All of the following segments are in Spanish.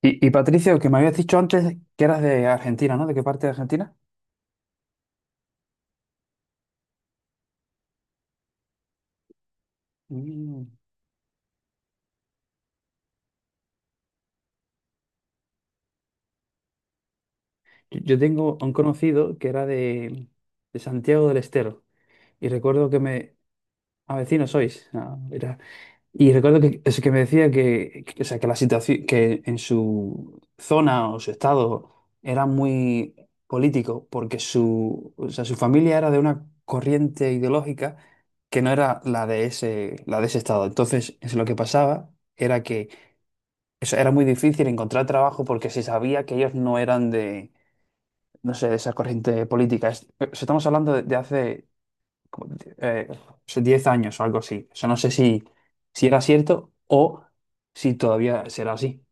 Y Patricio, que me habías dicho antes que eras de Argentina, ¿no? ¿De qué parte de Argentina? Mm. Yo tengo un conocido que era de Santiago del Estero y recuerdo que me... Ah, vecino sois. Ah, mira. Y recuerdo que, es que me decía o sea, que la situación, que en su zona o su estado era muy político porque su, o sea, su familia era de una corriente ideológica que no era la de ese estado. Entonces, es lo que pasaba era que eso era muy difícil encontrar trabajo porque se sabía que ellos no eran no sé, de esa corriente política. Estamos hablando de hace como, eh, hace 10 años o algo así. O sea, no sé si, si era cierto o si todavía será así.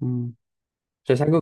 Mm. O sea, es algo.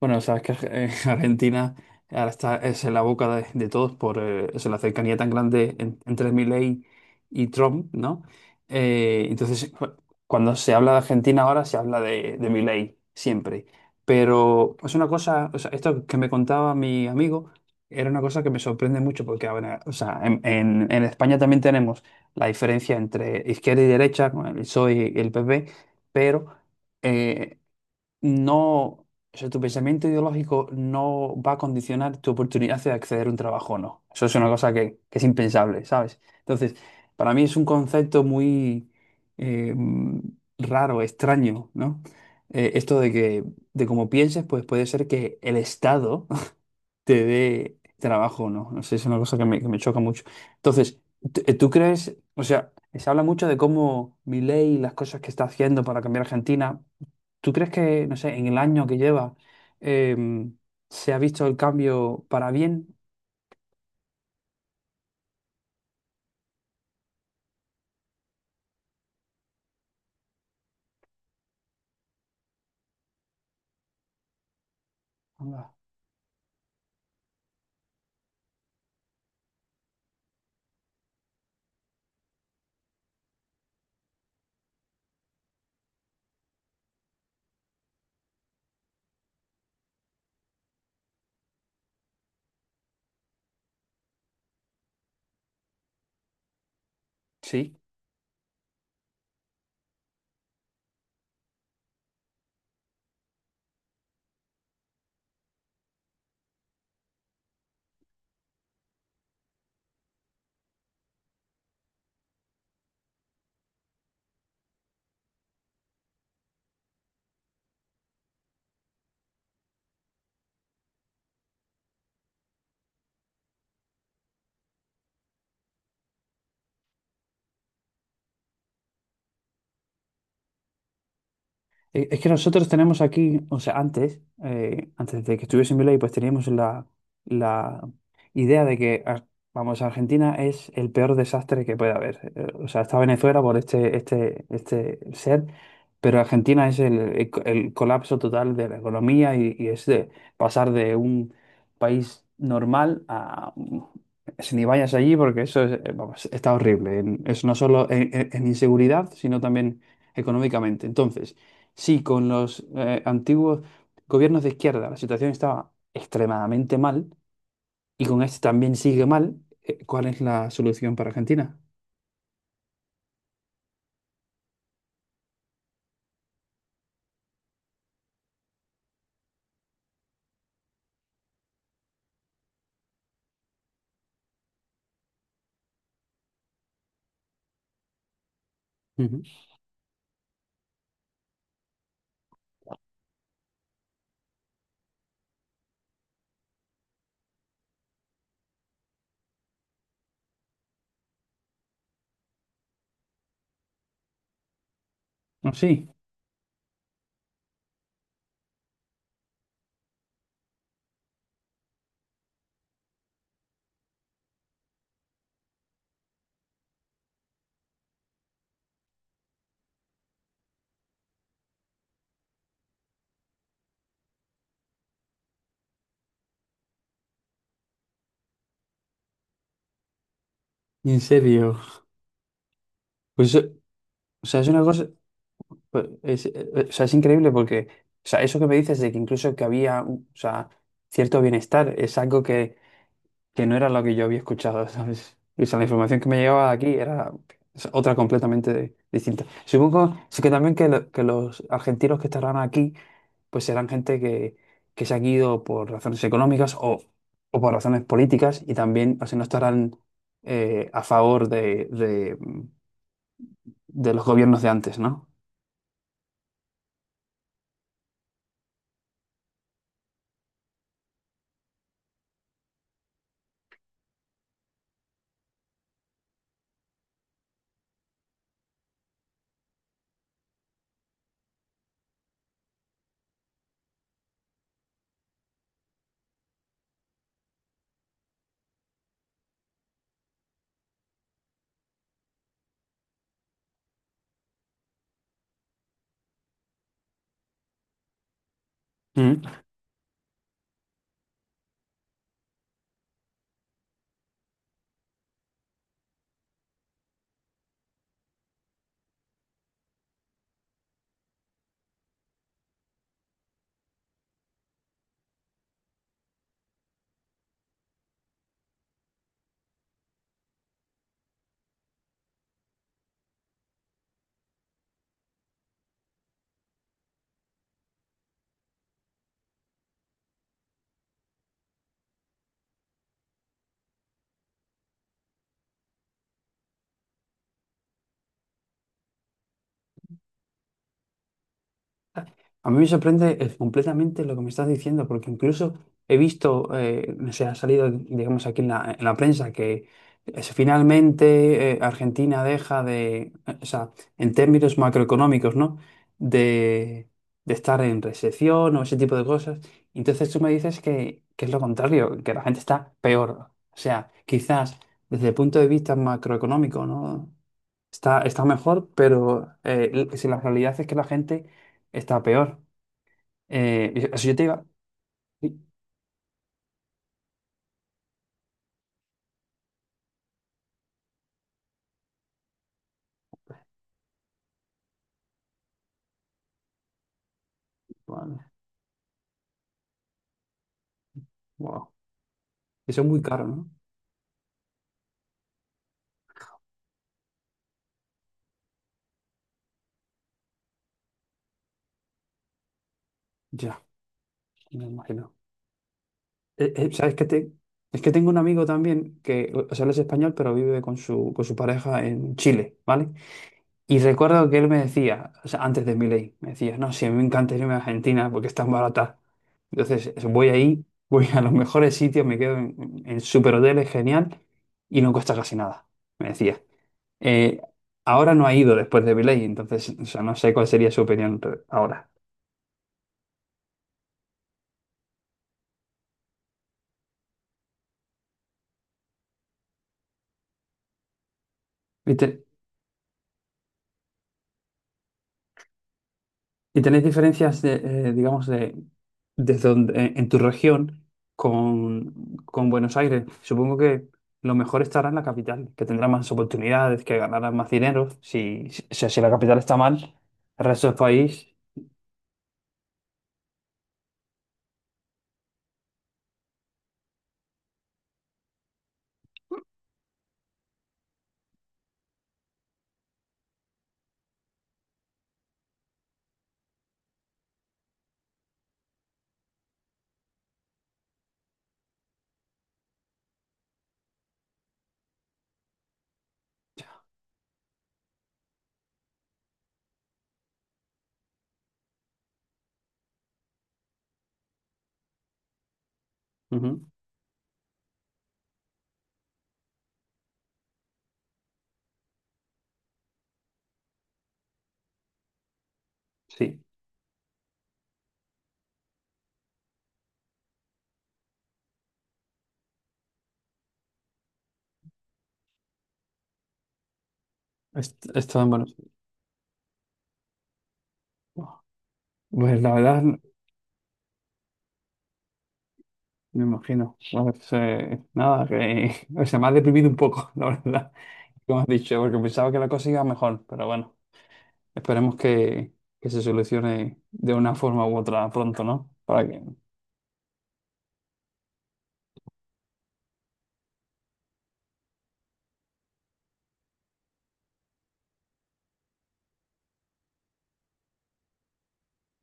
Bueno, sabes que Argentina ahora está es en la boca de todos por eso, la cercanía tan grande entre Milei y Trump, ¿no? Entonces, cuando se habla de Argentina ahora, se habla de Milei, siempre. Pero es una cosa, o sea, esto que me contaba mi amigo, era una cosa que me sorprende mucho porque, a ver, o sea, en España también tenemos la diferencia entre izquierda y derecha, con el PSOE y el PP, pero... eh, no, o sea, tu pensamiento ideológico no va a condicionar tu oportunidad de acceder a un trabajo o no. Eso es una cosa que es impensable, ¿sabes? Entonces, para mí es un concepto muy eh, raro, extraño, ¿no? Esto de que, de cómo pienses, pues puede ser que el Estado te dé trabajo o no. No sé, es una cosa que me choca mucho. Entonces, ¿tú crees, o sea, se habla mucho de cómo Milei y las cosas que está haciendo para cambiar Argentina. ¿Tú crees que, no sé, en el año que lleva em, se ha visto el cambio para bien? Anda. Sí. Es que nosotros tenemos aquí, o sea, antes, antes de que estuviese en Milei, pues teníamos la idea de que, vamos, Argentina es el peor desastre que puede haber. O sea, está Venezuela por este, este, este ser, pero Argentina es el, el colapso total de la economía y es de pasar de un país normal a... Si ni vayas allí, porque eso es, vamos, está horrible. Es no solo en inseguridad, sino también económicamente. Entonces, sí, con los antiguos gobiernos de izquierda la situación estaba extremadamente mal y con este también sigue mal. ¿Cuál es la solución para Argentina? Ujú. No, sí, en serio. Pues, o sea, es una cosa, pues, es, o sea, es increíble porque, o sea, eso que me dices de que incluso que había, o sea, cierto bienestar es algo que no era lo que yo había escuchado, ¿sabes? O sea, la información que me llegaba de aquí era o sea, otra completamente distinta. Supongo sí que también que, que los argentinos que estarán aquí pues serán gente que se han ido por razones económicas o por razones políticas y también, así no estarán a favor de, de los gobiernos de antes, ¿no? A mí me sorprende completamente lo que me estás diciendo, porque incluso he visto, no sé, ha salido, digamos, aquí en la prensa que finalmente Argentina deja de, o sea, en términos macroeconómicos, ¿no? De, de estar en recesión o ese tipo de cosas. Entonces tú me dices que es lo contrario, que la gente está peor. O sea, quizás desde el punto de vista macroeconómico, ¿no? Está, está mejor, pero si la realidad es que la gente está peor. Eso yo te iba. Uy, vale, wow. Eso es muy caro, ¿no? Ya, me imagino. ¿Sabes es que tengo un amigo también que, o sea, él es español, pero vive con su pareja en Chile, ¿vale? Y recuerdo que él me decía, o sea, antes de mi ley, me decía, no, sí, a mí me encanta irme a Argentina porque es tan barata. Entonces, eso, voy ahí, voy a los mejores sitios, me quedo en super hoteles, genial, y no cuesta casi nada, me decía. Eh, Ahora no ha ido después de Viley, entonces o sea, no sé cuál sería su opinión ahora. ¿Y, y tenéis diferencias de, digamos, de, en tu región con Buenos Aires? Supongo que lo mejor estará en la capital, que tendrá más oportunidades, que ganará más dinero. Si, si, o sea, si la capital está mal, el resto del país, ujú, sí, está en Buenos Aires. Pues la verdad, me imagino. A ver, nada, que, o sea, me ha deprimido un poco, la verdad. Como has dicho, porque pensaba que la cosa iba mejor, pero bueno, esperemos que se solucione de una forma u otra pronto, ¿no? Para que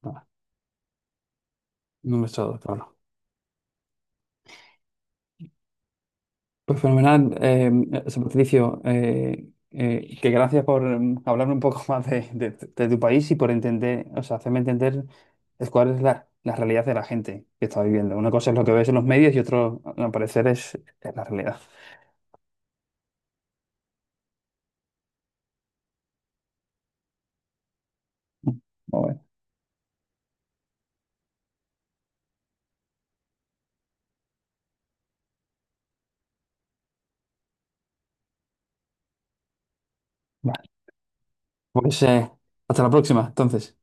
nada, no me estoy claro. Pues fenomenal, José Patricio, que gracias por hablarme un poco más de, de tu país y por entender, o sea, hacerme entender es cuál es la, la realidad de la gente que está viviendo. Una cosa es lo que ves en los medios y otro, al parecer, es la realidad. Bueno, vale. Pues hasta la próxima, entonces.